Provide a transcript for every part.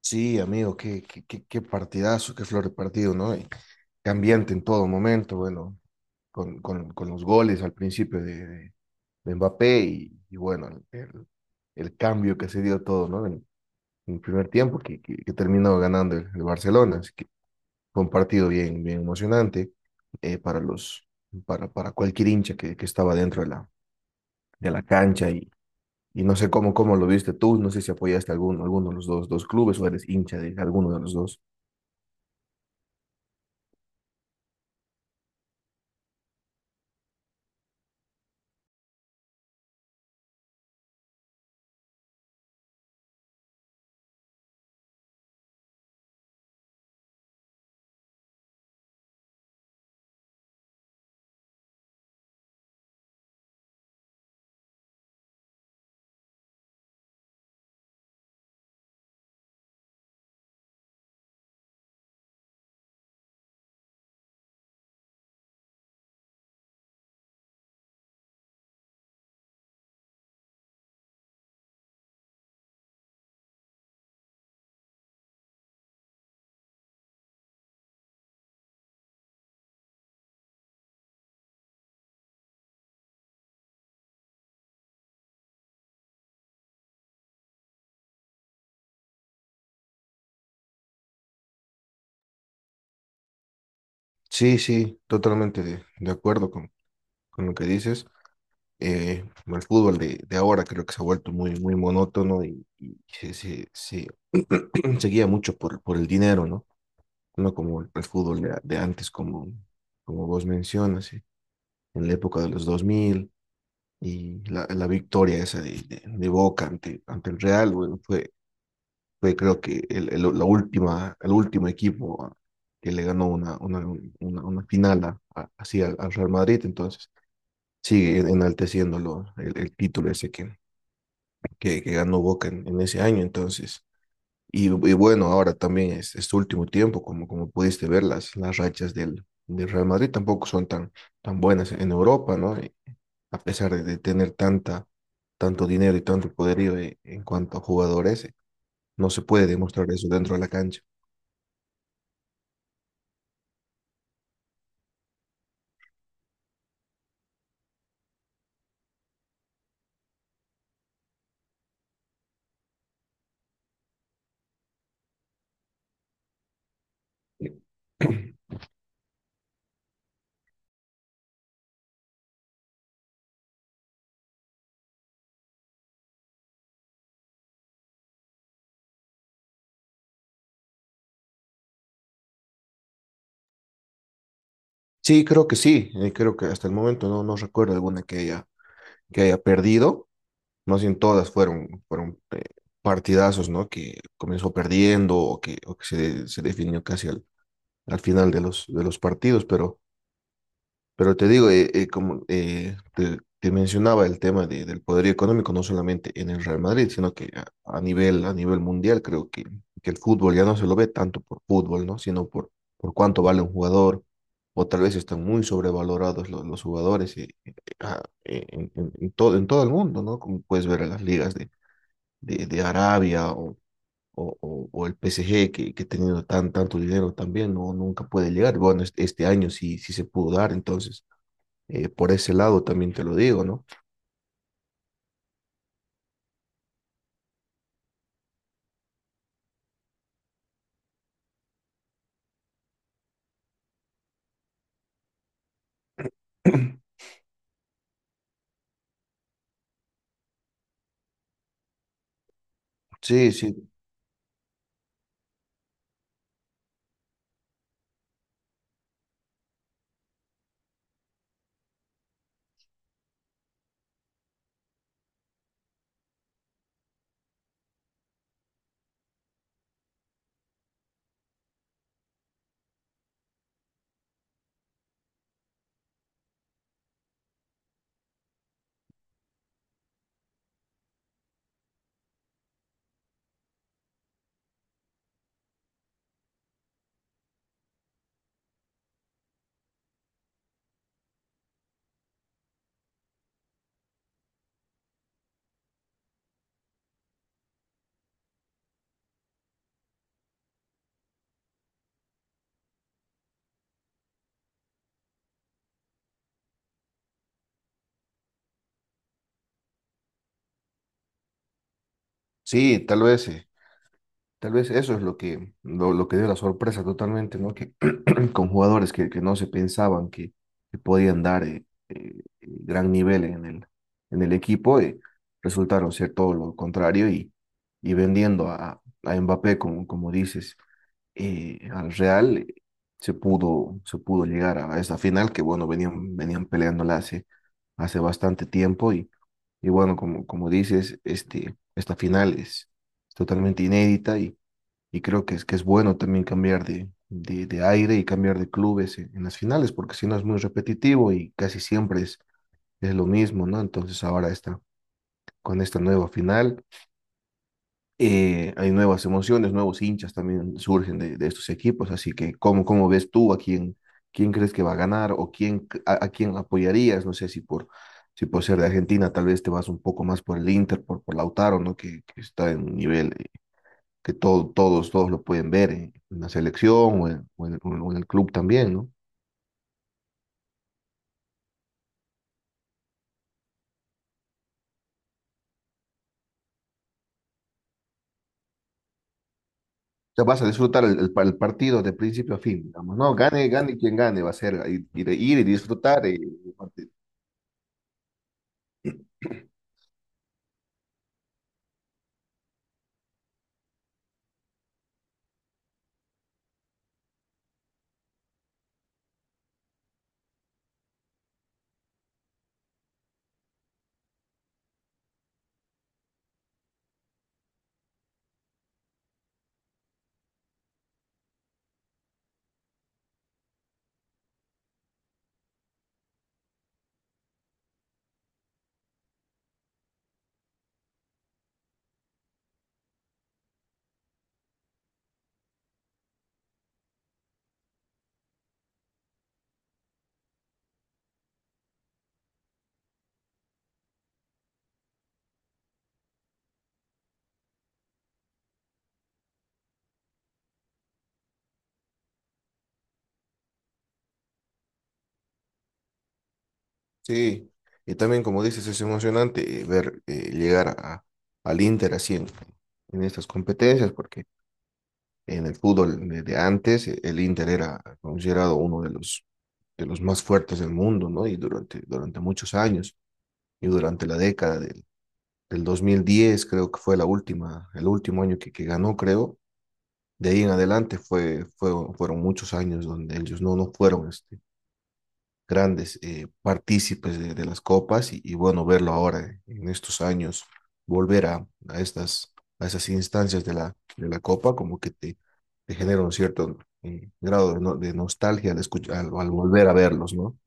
Sí, amigo, qué partidazo, qué flor de partido, ¿no? Y cambiante en todo momento, bueno, con los goles al principio de Mbappé y bueno, el cambio que se dio todo, ¿no? En el primer tiempo que terminó ganando el Barcelona, así que fue un partido bien, bien emocionante para para cualquier hincha que estaba dentro de de la cancha y no sé cómo, cómo lo viste tú, no sé si apoyaste a alguno, alguno de los dos, dos clubes o eres hincha de alguno de los dos. Sí, sí, totalmente de acuerdo con lo que dices. El fútbol de ahora creo que se ha vuelto muy, muy monótono y se se guía mucho por el dinero, ¿no? No como el fútbol de antes, como, como vos mencionas, sí, en la época de los 2000 y la victoria esa de Boca ante, ante el Real, bueno, fue, fue creo que la última, el último equipo que le ganó una final así al Real Madrid, entonces sigue enalteciéndolo el título ese que ganó Boca en ese año, entonces. Y bueno, ahora también es este último tiempo, como, como pudiste ver, las rachas del Real Madrid tampoco son tan, tan buenas en Europa, ¿no? Y a pesar de tener tanta, tanto dinero y tanto poderío en cuanto a jugadores, no se puede demostrar eso dentro de la cancha. Sí, creo que sí. Creo que hasta el momento no, no recuerdo alguna que haya perdido. Más bien todas fueron, fueron partidazos, ¿no? Que comenzó perdiendo o que se definió casi al final de los partidos. Pero te digo, como te, te mencionaba el tema del poder económico, no solamente en el Real Madrid, sino que a nivel mundial, creo que el fútbol ya no se lo ve tanto por fútbol, ¿no? Sino por cuánto vale un jugador, o tal vez están muy sobrevalorados los, jugadores en, en todo el mundo, ¿no? Como puedes ver en las ligas de Arabia o, o el PSG, que teniendo tan, tanto dinero también, no, nunca puede llegar. Bueno, este año sí, sí se pudo dar, entonces por ese lado también te lo digo, ¿no? Sí, sí, sí, tal vez eso es lo que dio la sorpresa totalmente, ¿no? Que con jugadores que no se pensaban que podían dar gran nivel en en el equipo, resultaron ser todo lo contrario y vendiendo a Mbappé, como, como dices, al Real se pudo llegar a esa final que, bueno, venían, venían peleándola hace, hace bastante tiempo y bueno, como, como dices, este, esta final es totalmente inédita y creo que es bueno también cambiar de aire y cambiar de clubes en las finales porque si no es muy repetitivo y casi siempre es lo mismo, ¿no? Entonces ahora está con esta nueva final. Hay nuevas emociones, nuevos hinchas también surgen de estos equipos, así que ¿cómo, cómo ves tú a quién, quién crees que va a ganar o quién, a quién apoyarías? No sé si por, si por ser de Argentina tal vez te vas un poco más por el Inter, por Lautaro, ¿no? Que está en un nivel que todo, todos, todos lo pueden ver en la selección o en, o en el club también, ¿no? O sea, vas a disfrutar el partido de principio a fin, digamos, ¿no? Gane, gane quien gane, va a ser ir, ir y disfrutar sí, y también como dices, es emocionante ver llegar al Inter así en estas competencias, porque en el fútbol de antes el Inter era considerado uno de los más fuertes del mundo, ¿no? Y durante, durante muchos años, y durante la década del 2010 creo que fue la última, el último año que ganó, creo. De ahí en adelante fue, fue, fueron muchos años donde ellos no, no fueron grandes partícipes de las copas y bueno, verlo ahora en estos años, volver a estas, a esas instancias de de la copa, como que te genera un cierto grado de, de nostalgia al, al, al volver a verlos, ¿no?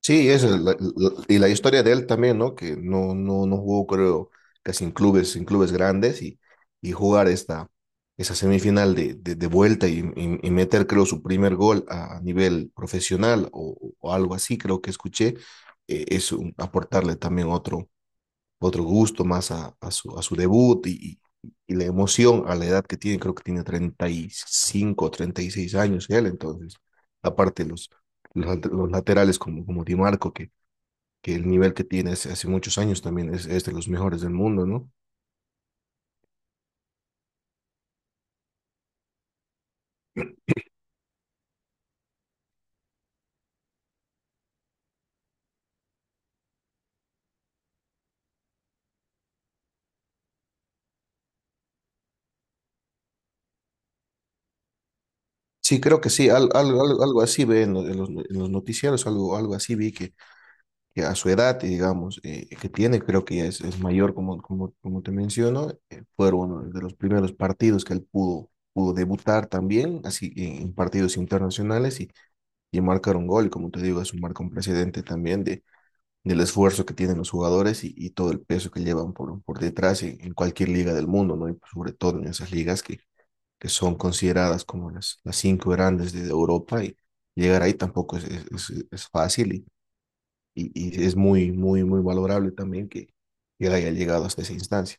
Sí, esa es y la historia de él también, ¿no? Que no, no, no jugó, creo, casi en clubes grandes y jugar esta, esa semifinal de vuelta y meter, creo, su primer gol a nivel profesional o algo así, creo que escuché, aportarle también otro, otro gusto más a su debut y la emoción a la edad que tiene, creo que tiene treinta y cinco treinta y seis años él, entonces, aparte los laterales como, como Di Marco, que el nivel que tiene hace, hace muchos años también es, de los mejores del mundo, ¿no? Sí, creo que sí, algo, algo así ve en los noticieros, algo, algo así vi que a su edad, digamos, que tiene, creo que ya es mayor, como, como, como te menciono, fueron uno de los primeros partidos que él pudo, pudo debutar también, así en partidos internacionales y marcar un gol, como te digo, es un marco un precedente también de, del esfuerzo que tienen los jugadores y todo el peso que llevan por detrás en cualquier liga del mundo, ¿no? Y pues, sobre todo en esas ligas que son consideradas como las cinco grandes de Europa y llegar ahí tampoco es, es, es fácil y y, y es muy, muy, muy valorable también que él haya llegado hasta esa instancia.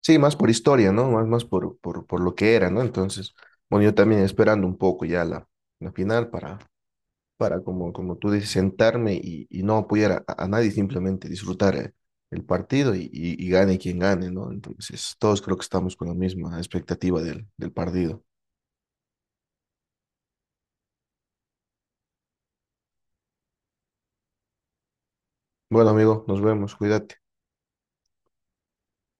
Sí, más por historia, ¿no? Más, más por lo que era, ¿no? Entonces, bueno, yo también esperando un poco ya la final para como, como tú dices, sentarme y no apoyar a nadie, simplemente disfrutar el partido y gane quien gane, ¿no? Entonces, todos creo que estamos con la misma expectativa del partido. Bueno, amigo, nos vemos, cuídate.